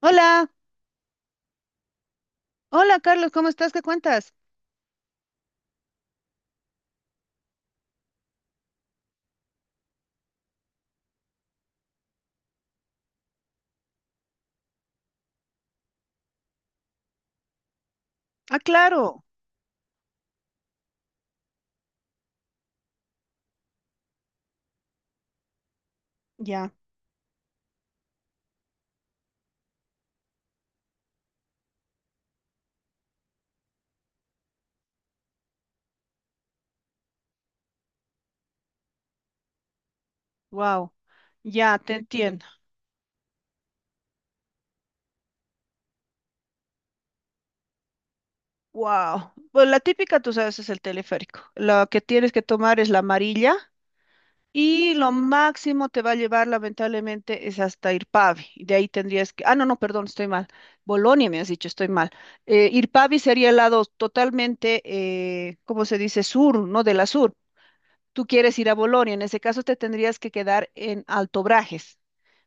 Hola, hola Carlos, ¿cómo estás? ¿Qué cuentas? Ah, claro, ya, wow, ya te entiendo, wow. Pues la típica, tú sabes, es el teleférico. Lo que tienes que tomar es la amarilla y lo máximo te va a llevar, lamentablemente, es hasta Irpavi. Y de ahí tendrías que, ah, no, no, perdón, estoy mal. Bolonia, me has dicho, estoy mal. Irpavi sería el lado totalmente, ¿cómo se dice? Sur, ¿no? De la sur. Tú quieres ir a Bolonia, en ese caso te tendrías que quedar en Alto Brajes.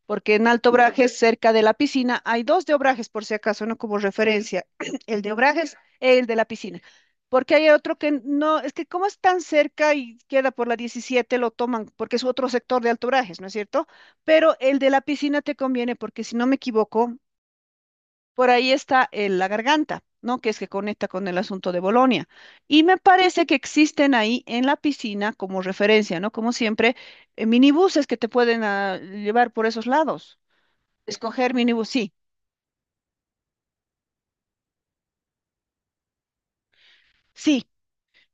Porque en Alto Obrajes, cerca de la piscina, hay dos de Obrajes, por si acaso, no como referencia, el de Obrajes, el de la piscina. Porque hay otro que no, es que como es tan cerca y queda por la 17 lo toman, porque es otro sector de Alto Obrajes, ¿no es cierto? Pero el de la piscina te conviene, porque si no me equivoco, por ahí está la garganta, ¿no? Que es que conecta con el asunto de Bolonia. Y me parece que existen ahí en la piscina, como referencia, ¿no? Como siempre, minibuses que te pueden llevar por esos lados. Escoger minibús, sí, sí.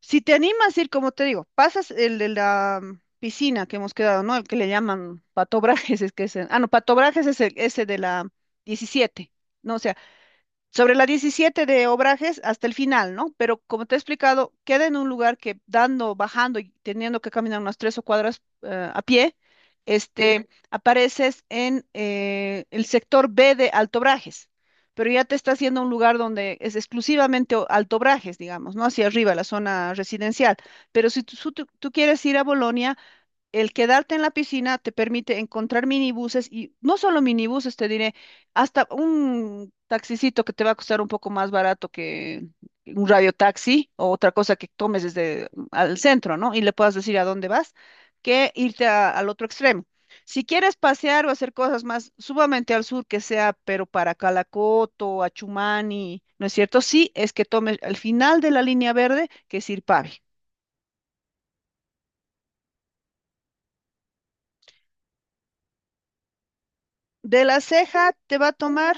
Si te animas a ir, como te digo, pasas el de la piscina que hemos quedado, ¿no? El que le llaman patobrajes, es que es, ah, no, patobrajes es el, ese de la 17, ¿no? O sea, sobre la 17 de Obrajes hasta el final, ¿no? Pero como te he explicado, queda en un lugar que dando, bajando y teniendo que caminar unas tres o cuadras a pie, apareces en el sector B de Alto Brajes, pero ya te está haciendo un lugar donde es exclusivamente Alto Brajes, digamos, ¿no? Hacia arriba, la zona residencial. Pero si tú quieres ir a Bolonia, el quedarte en la piscina te permite encontrar minibuses y no solo minibuses, te diré, hasta un taxicito que te va a costar un poco más barato que un radiotaxi o otra cosa que tomes desde al centro, ¿no? Y le puedas decir a dónde vas, que irte al otro extremo. Si quieres pasear o hacer cosas más, sumamente al sur, que sea, pero para Calacoto, Achumani, ¿no es cierto? Sí, es que tomes al final de la línea verde, que es Irpavi. De la Ceja te va a tomar.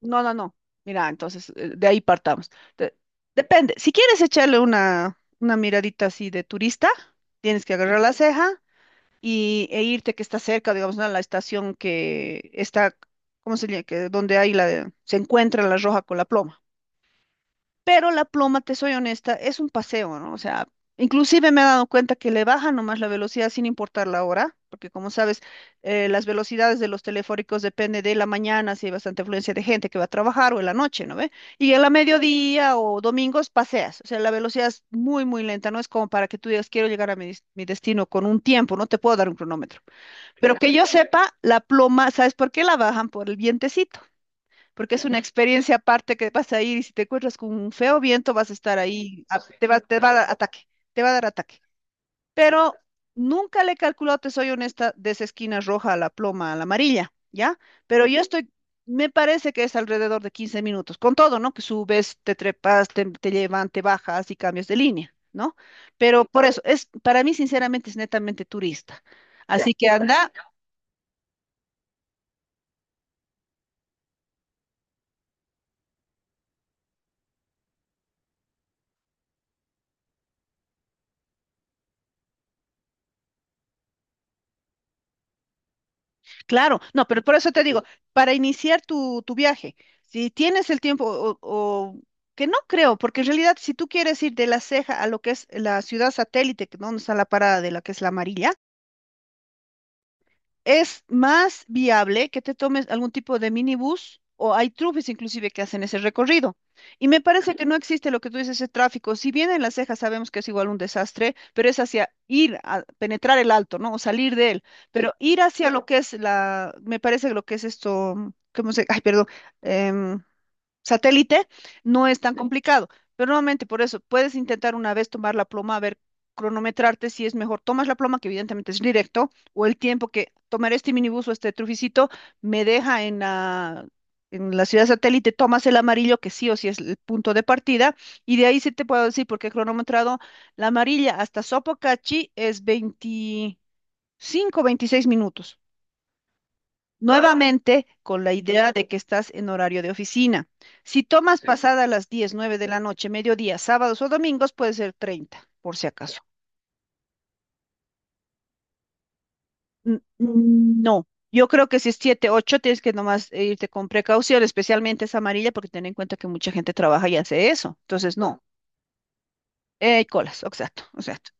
No, no, no. Mira, entonces de ahí partamos. De- Depende. Si quieres echarle una miradita así de turista, tienes que agarrar la ceja e irte que está cerca, digamos, ¿no? A la estación que está, ¿cómo se llama? Que, donde hay la, se encuentra la roja con la ploma. Pero la pluma, te soy honesta, es un paseo, ¿no? O sea, inclusive me he dado cuenta que le baja nomás la velocidad sin importar la hora, porque como sabes, las velocidades de los teleféricos depende de la mañana, si hay bastante afluencia de gente que va a trabajar o en la noche, ¿no ve? Y en la mediodía o domingos paseas, o sea, la velocidad es muy, muy lenta, no es como para que tú digas, quiero llegar a mi, mi destino con un tiempo, no te puedo dar un cronómetro. Pero que yo sepa, la pluma, ¿sabes por qué la bajan? Por el vientecito, porque es una experiencia aparte que vas a ir y si te encuentras con un feo viento vas a estar ahí, te va a dar ataque, te va a dar ataque. Pero nunca le he calculado, te soy honesta, de esa esquina roja a la ploma, a la amarilla, ¿ya? Pero yo estoy, me parece que es alrededor de 15 minutos, con todo, ¿no? Que subes, te trepas, te llevan, te bajas y cambias de línea, ¿no? Pero por eso, es, para mí sinceramente es netamente turista. Así que anda. Claro, no, pero por eso te digo, para iniciar tu viaje, si tienes el tiempo o que no creo, porque en realidad si tú quieres ir de La Ceja a lo que es la ciudad satélite, que donde está la parada de la que es la amarilla, es más viable que te tomes algún tipo de minibús o hay trufis inclusive que hacen ese recorrido. Y me parece que no existe lo que tú dices, ese tráfico. Si bien en Las Cejas sabemos que es igual un desastre, pero es hacia ir a penetrar el alto, ¿no? O salir de él. Pero ir hacia lo que es la, me parece que lo que es esto, ¿cómo se? Ay, perdón. em, Satélite, no es tan complicado. Pero nuevamente, por eso, puedes intentar una vez tomar la pluma, a ver, cronometrarte si es mejor. Tomas la pluma, que evidentemente es directo, o el tiempo que tomar este minibús o este truficito me deja en la, ciudad satélite, tomas el amarillo, que sí o sí es el punto de partida, y de ahí sí te puedo decir, porque he cronometrado la amarilla hasta Sopocachi es 25 26 minutos. Nuevamente, con la idea de que estás en horario de oficina. Si tomas, sí, pasada las 10 9 de la noche, mediodía, sábados o domingos, puede ser 30, por si acaso. No, yo creo que si es 7 8 tienes que nomás irte con precaución, especialmente esa amarilla, porque ten en cuenta que mucha gente trabaja y hace eso. Entonces, no, colas, exacto, exacto.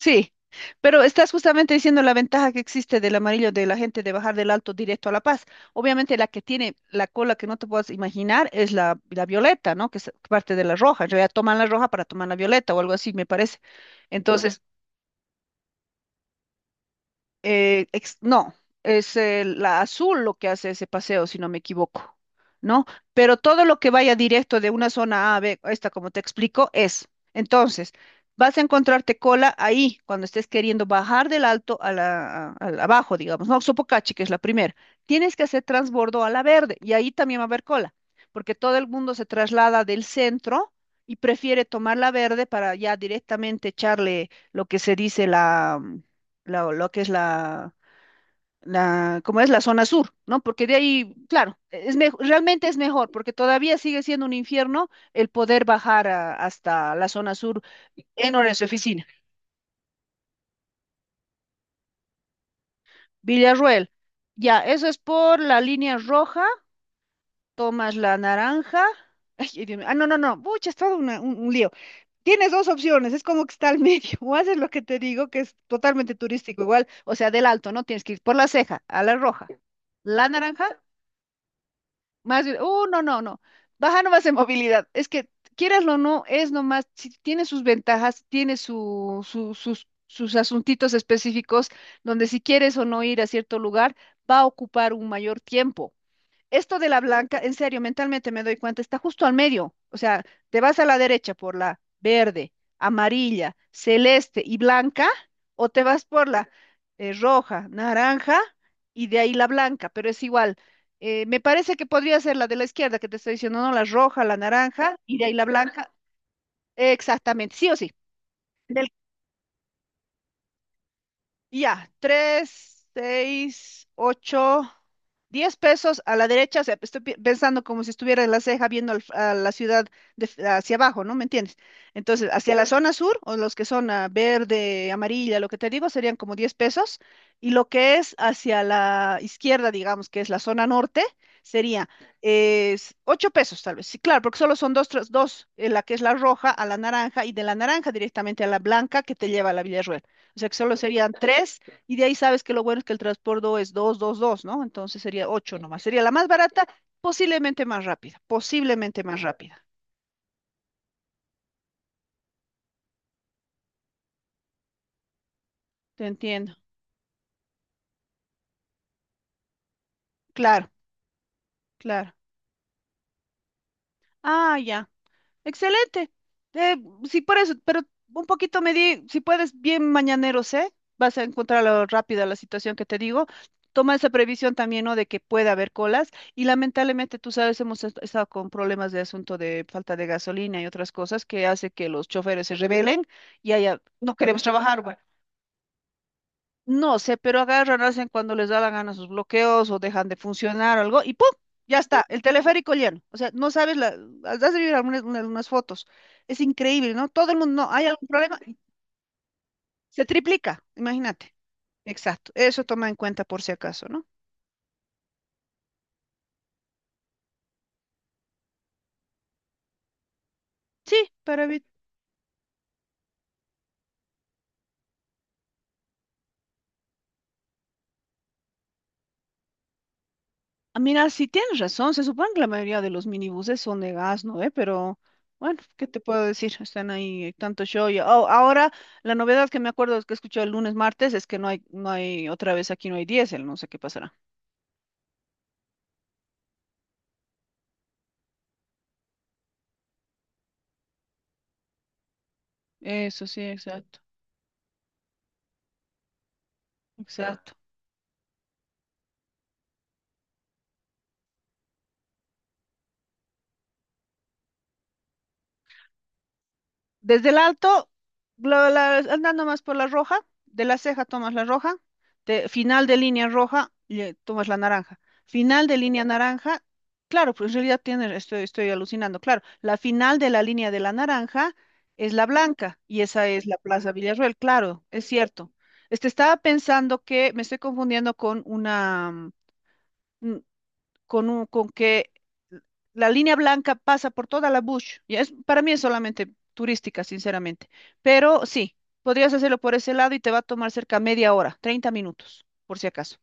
Sí, pero estás justamente diciendo la ventaja que existe del amarillo de la gente de bajar del Alto directo a La Paz. Obviamente la que tiene la cola que no te puedes imaginar es la violeta, ¿no? Que es parte de la roja. En realidad toman la roja para tomar la violeta o algo así, me parece. Entonces, no, es la azul lo que hace ese paseo, si no me equivoco, ¿no? Pero todo lo que vaya directo de una zona A a B, esta como te explico, es. Entonces, vas a encontrarte cola ahí, cuando estés queriendo bajar del alto a la, al abajo, digamos, ¿no? Sopocachi, que es la primera. Tienes que hacer transbordo a la verde y ahí también va a haber cola, porque todo el mundo se traslada del centro. Y prefiere tomar la verde para ya directamente echarle lo que se dice la, lo que es la, la, como es la zona sur, ¿no? Porque de ahí, claro, es realmente es mejor, porque todavía sigue siendo un infierno el poder bajar hasta la zona sur en horas de oficina. Villarruel, ya, eso es por la línea roja, tomas la naranja. Ay, ay, Dios mío. Ah, no, no, no, pucha, es todo un lío. Tienes dos opciones, es como que está al medio, o haces lo que te digo, que es totalmente turístico igual, o sea, del alto, ¿no? Tienes que ir por la ceja, a la roja, la naranja. Más bien, no, no, no. Baja nomás en movilidad. Es que, quieraslo o no, es nomás, si tiene sus ventajas, tiene sus asuntitos específicos, donde si quieres o no ir a cierto lugar, va a ocupar un mayor tiempo esto de la blanca, en serio, mentalmente me doy cuenta, está justo al medio. O sea, te vas a la derecha por la verde, amarilla, celeste y blanca, o te vas por la roja, naranja y de ahí la blanca, pero es igual. Me parece que podría ser la de la izquierda que te estoy diciendo, no, la roja, la naranja y de ahí la blanca. Exactamente, sí o sí. Del Ya, tres, seis, ocho, 10 pesos a la derecha. O sea, estoy pensando como si estuviera en la ceja viendo a la ciudad hacia abajo, ¿no? ¿Me entiendes? Entonces, hacia la, claro, zona sur, o los que son verde, amarilla, lo que te digo, serían como 10 pesos. Y lo que es hacia la izquierda, digamos, que es la zona norte, sería es 8 pesos tal vez. Sí, claro, porque solo son dos, la que es la roja a la naranja y de la naranja directamente a la blanca que te lleva a la Villa, o sea que solo serían tres y de ahí sabes que lo bueno es que el transbordo es dos, dos, dos, ¿no? Entonces sería ocho nomás. Sería la más barata, posiblemente más rápida, posiblemente más rápida. Te entiendo. Claro, claro. Ah, ya. Excelente. Eh, sí, por eso, pero un poquito me di, si puedes, bien mañaneros, ¿eh? Vas a encontrarlo rápida la situación que te digo. Toma esa previsión también, ¿no? De que puede haber colas. Y lamentablemente, tú sabes, hemos estado con problemas de asunto de falta de gasolina y otras cosas que hace que los choferes se rebelen y haya, no queremos trabajar, no sé, pero agarran, hacen cuando les da la gana sus bloqueos o dejan de funcionar o algo y ¡pum! Ya está, el teleférico lleno. O sea, no sabes, has de ver algunas, unas fotos. Es increíble, ¿no? Todo el mundo, no, hay algún problema, se triplica, imagínate. Exacto, eso toma en cuenta por si acaso, ¿no? Sí, para evitar. Ah, mira, sí tienes razón, se supone que la mayoría de los minibuses son de gas, ¿no? ¿Eh? Pero, bueno, ¿qué te puedo decir? Están ahí, hay tanto show. Oh, ahora, la novedad que me acuerdo es que escuché el lunes, martes, es que no hay, no hay, otra vez aquí no hay diésel, no sé qué pasará. Eso sí, exacto, exacto. Desde el alto, andando más por la roja, de la ceja tomas la roja, final de línea roja, le tomas la naranja. Final de línea naranja, claro, pues en realidad estoy alucinando, claro, la final de la línea de la naranja es la blanca y esa es la Plaza Villarroel, claro, es cierto. Estaba pensando que me estoy confundiendo con una, mm, con, un, con que la línea blanca pasa por toda la bush. Ya es, para mí es solamente turística, sinceramente. Pero sí, podrías hacerlo por ese lado y te va a tomar cerca media hora, 30 minutos, por si acaso.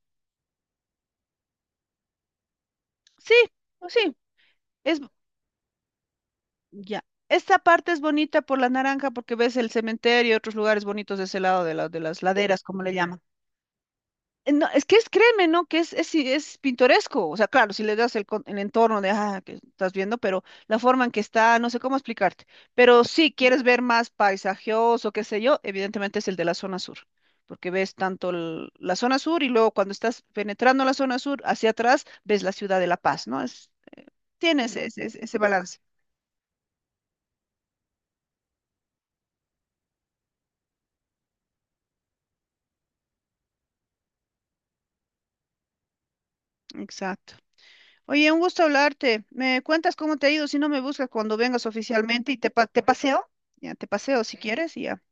Sí, pues sí, es ya. Esta parte es bonita por la naranja porque ves el cementerio y otros lugares bonitos de ese lado de las laderas, como le llaman. No, es que es, créeme, ¿no? Que es, sí, es pintoresco. O sea, claro, si le das el entorno de, que estás viendo, pero la forma en que está, no sé cómo explicarte. Pero si quieres ver más paisajoso, qué sé yo, evidentemente es el de la zona sur, porque ves tanto la zona sur y luego cuando estás penetrando la zona sur hacia atrás, ves la ciudad de La Paz, ¿no? Tienes ese balance. Exacto. Oye, un gusto hablarte. ¿Me cuentas cómo te ha ido? Si no me buscas cuando vengas oficialmente y te paseo. Ya, te paseo si quieres y ya.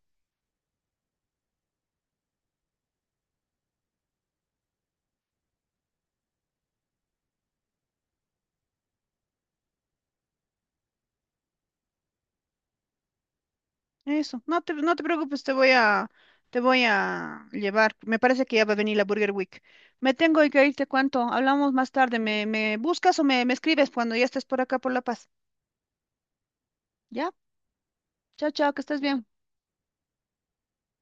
Eso, no te preocupes, te voy a llevar. Me parece que ya va a venir la Burger Week. Me tengo que ir, te cuento. Hablamos más tarde. ¿Me buscas o me escribes cuando ya estés por acá por La Paz? ¿Ya? Chao, chao, que estés bien.